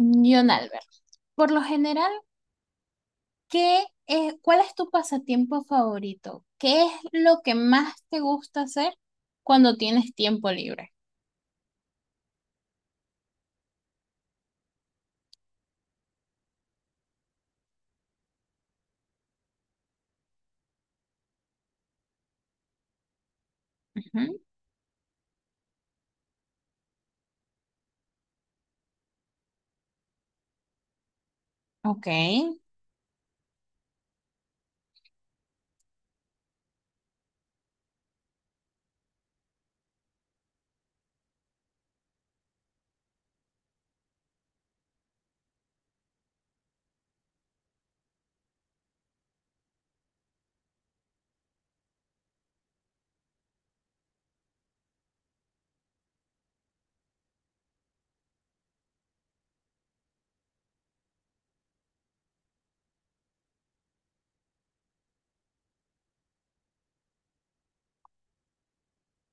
John Albert, por lo general, ¿Cuál es tu pasatiempo favorito? ¿Qué es lo que más te gusta hacer cuando tienes tiempo libre? Ujú. Ok.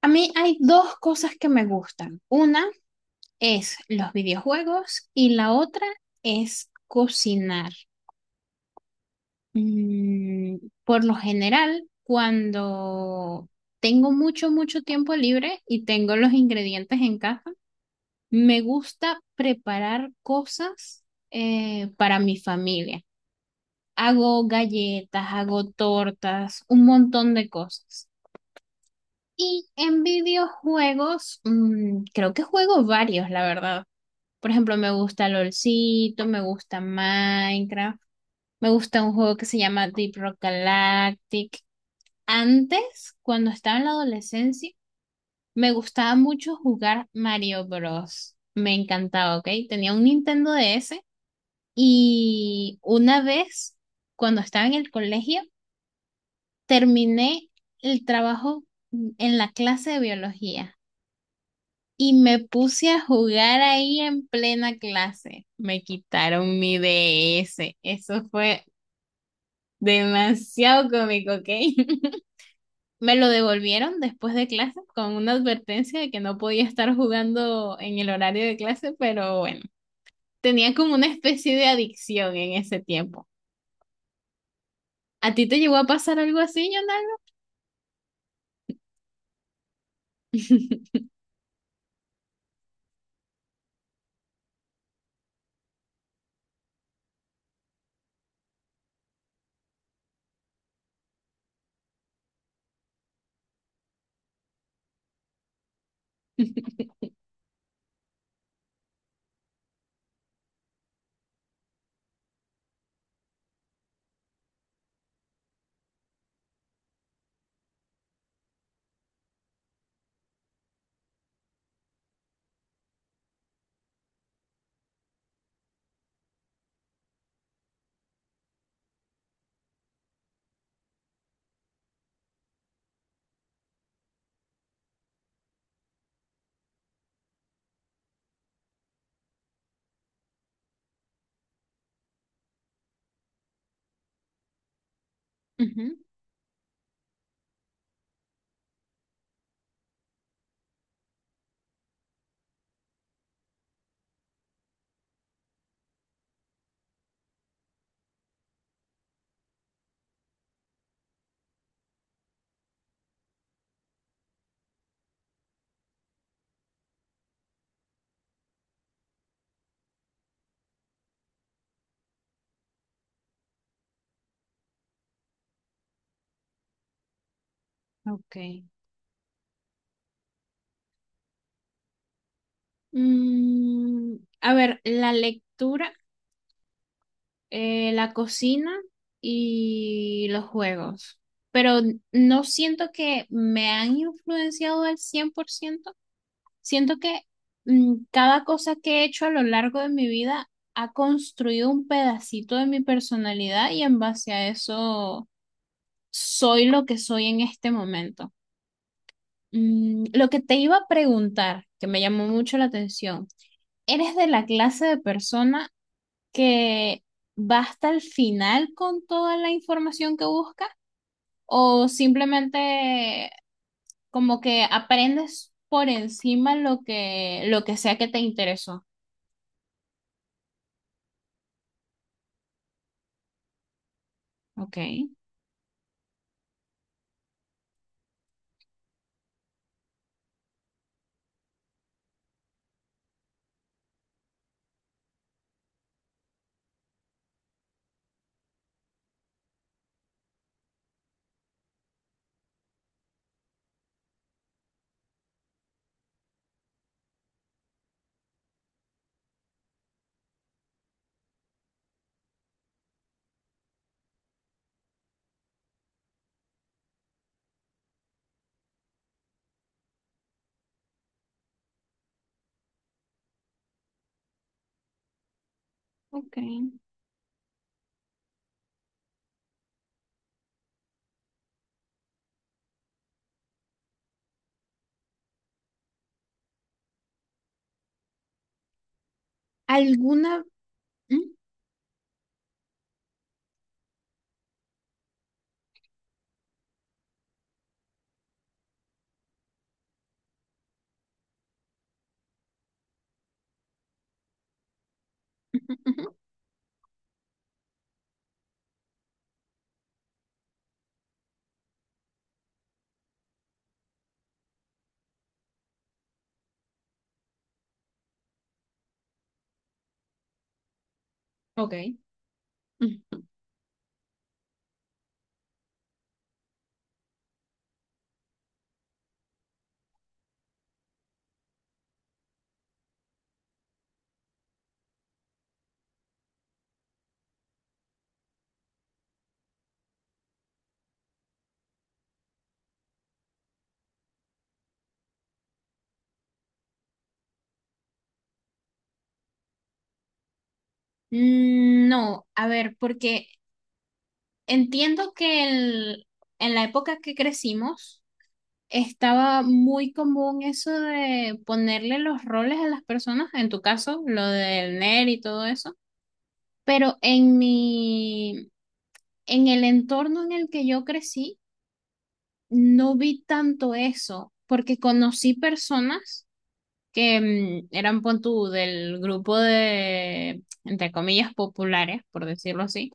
A mí hay dos cosas que me gustan. Una es los videojuegos y la otra es cocinar. Mm, por lo general, cuando tengo mucho, mucho tiempo libre y tengo los ingredientes en casa, me gusta preparar cosas para mi familia. Hago galletas, hago tortas, un montón de cosas. Y en videojuegos, creo que juego varios, la verdad. Por ejemplo, me gusta LOLcito, me gusta Minecraft, me gusta un juego que se llama Deep Rock Galactic. Antes, cuando estaba en la adolescencia, me gustaba mucho jugar Mario Bros. Me encantaba, ¿ok? Tenía un Nintendo DS. Y una vez, cuando estaba en el colegio, terminé el trabajo en la clase de biología y me puse a jugar ahí en plena clase. Me quitaron mi DS. Eso fue demasiado cómico, ¿ok? Me lo devolvieron después de clase con una advertencia de que no podía estar jugando en el horario de clase, pero bueno, tenía como una especie de adicción en ese tiempo. ¿A ti te llegó a pasar algo así, Jonah? Ujú. Ok. A ver, la lectura, la cocina y los juegos. Pero no siento que me han influenciado al 100%. Siento que cada cosa que he hecho a lo largo de mi vida ha construido un pedacito de mi personalidad y en base a eso soy lo que soy en este momento. Lo que te iba a preguntar, que me llamó mucho la atención. Eres de la clase de persona que va hasta el final con toda la información que busca o simplemente como que aprendes por encima lo que sea que te interesó. Ok, ok. ¿Alguna? Mm, ujú, ujú, ok. Ujú. No a ver, porque entiendo que en la época que crecimos, estaba muy común eso de ponerle los roles a las personas, en tu caso, lo del nerd y todo eso, pero en el entorno en el que yo crecí, no vi tanto eso, porque conocí personas que eran, pon tú, del grupo de, entre comillas, populares, por decirlo así.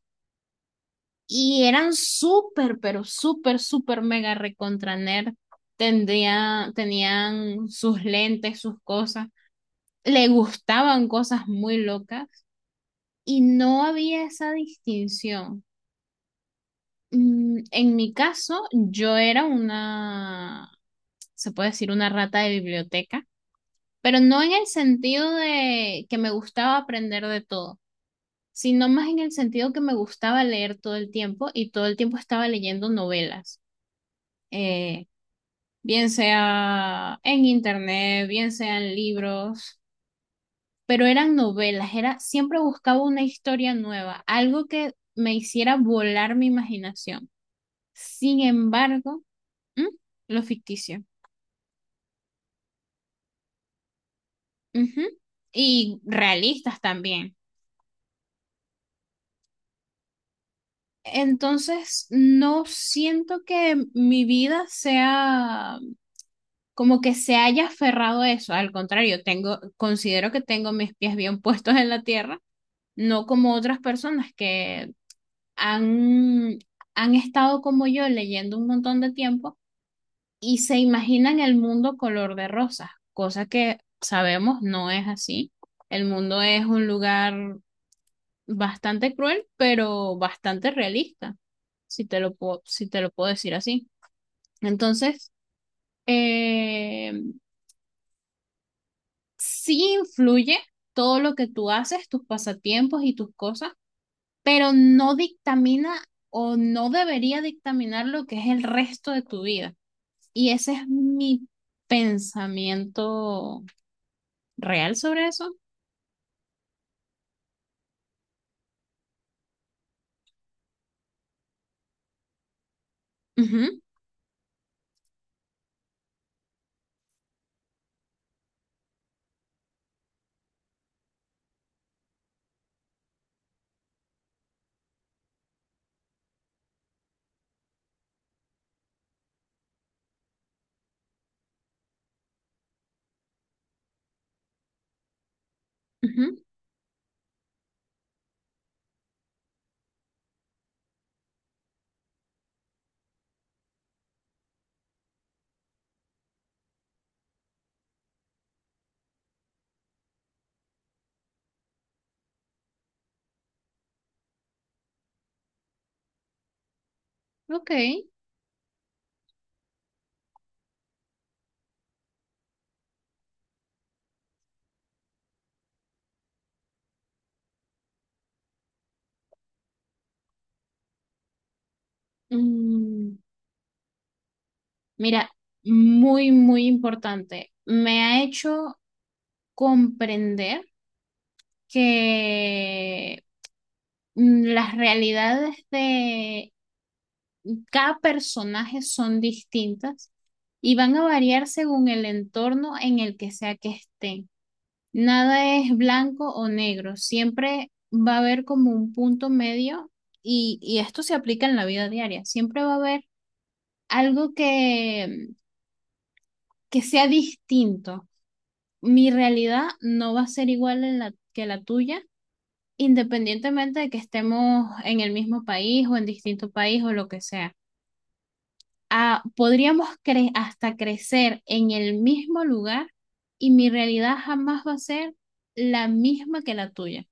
Y eran súper, pero súper, súper mega recontra nerd. Tenían sus lentes, sus cosas. Le gustaban cosas muy locas y no había esa distinción. En mi caso, yo era una, se puede decir, una rata de biblioteca, pero no en el sentido de que me gustaba aprender de todo, sino más en el sentido que me gustaba leer todo el tiempo y todo el tiempo estaba leyendo novelas. Eh, bien sea en internet, bien sea en libros, pero eran novelas, siempre buscaba una historia nueva, algo que me hiciera volar mi imaginación. Sin embargo, ¿m? Lo ficticio. Ujú. Y realistas también. Entonces, no siento que mi vida sea como que se haya aferrado a eso. Al contrario, considero que tengo mis pies bien puestos en la tierra, no como otras personas que han, han estado como yo leyendo un montón de tiempo y se imaginan el mundo color de rosas, cosa que sabemos no es así. El mundo es un lugar bastante cruel, pero bastante realista, si te lo puedo decir así. Entonces, eh, sí influye todo lo que tú haces, tus pasatiempos y tus cosas, pero no dictamina o no debería dictaminar lo que es el resto de tu vida. Y ese es mi pensamiento real sobre eso. Ujú, ujú, ok. Mm, mira, muy, muy importante. Me ha hecho comprender que las realidades de cada personaje son distintas y van a variar según el entorno en el que sea que estén. Nada es blanco o negro, siempre va a haber como un punto medio y esto se aplica en la vida diaria, siempre va a haber algo que sea distinto. Mi realidad no va a ser igual que la tuya, independientemente de que estemos en el mismo país o en distinto país o lo que sea. Ah, podríamos hasta crecer en el mismo lugar y mi realidad jamás va a ser la misma que la tuya.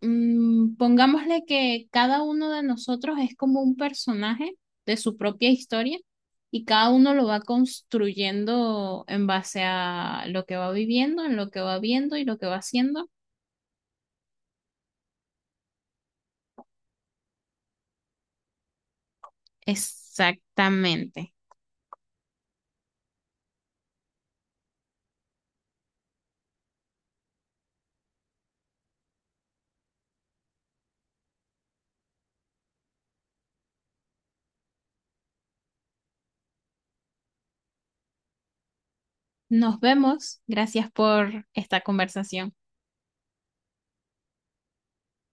Pongámosle que cada uno de nosotros es como un personaje de su propia historia y cada uno lo va construyendo en base a lo que va viviendo, en lo que va viendo y lo que va haciendo. Exactamente. Nos vemos. Gracias por esta conversación.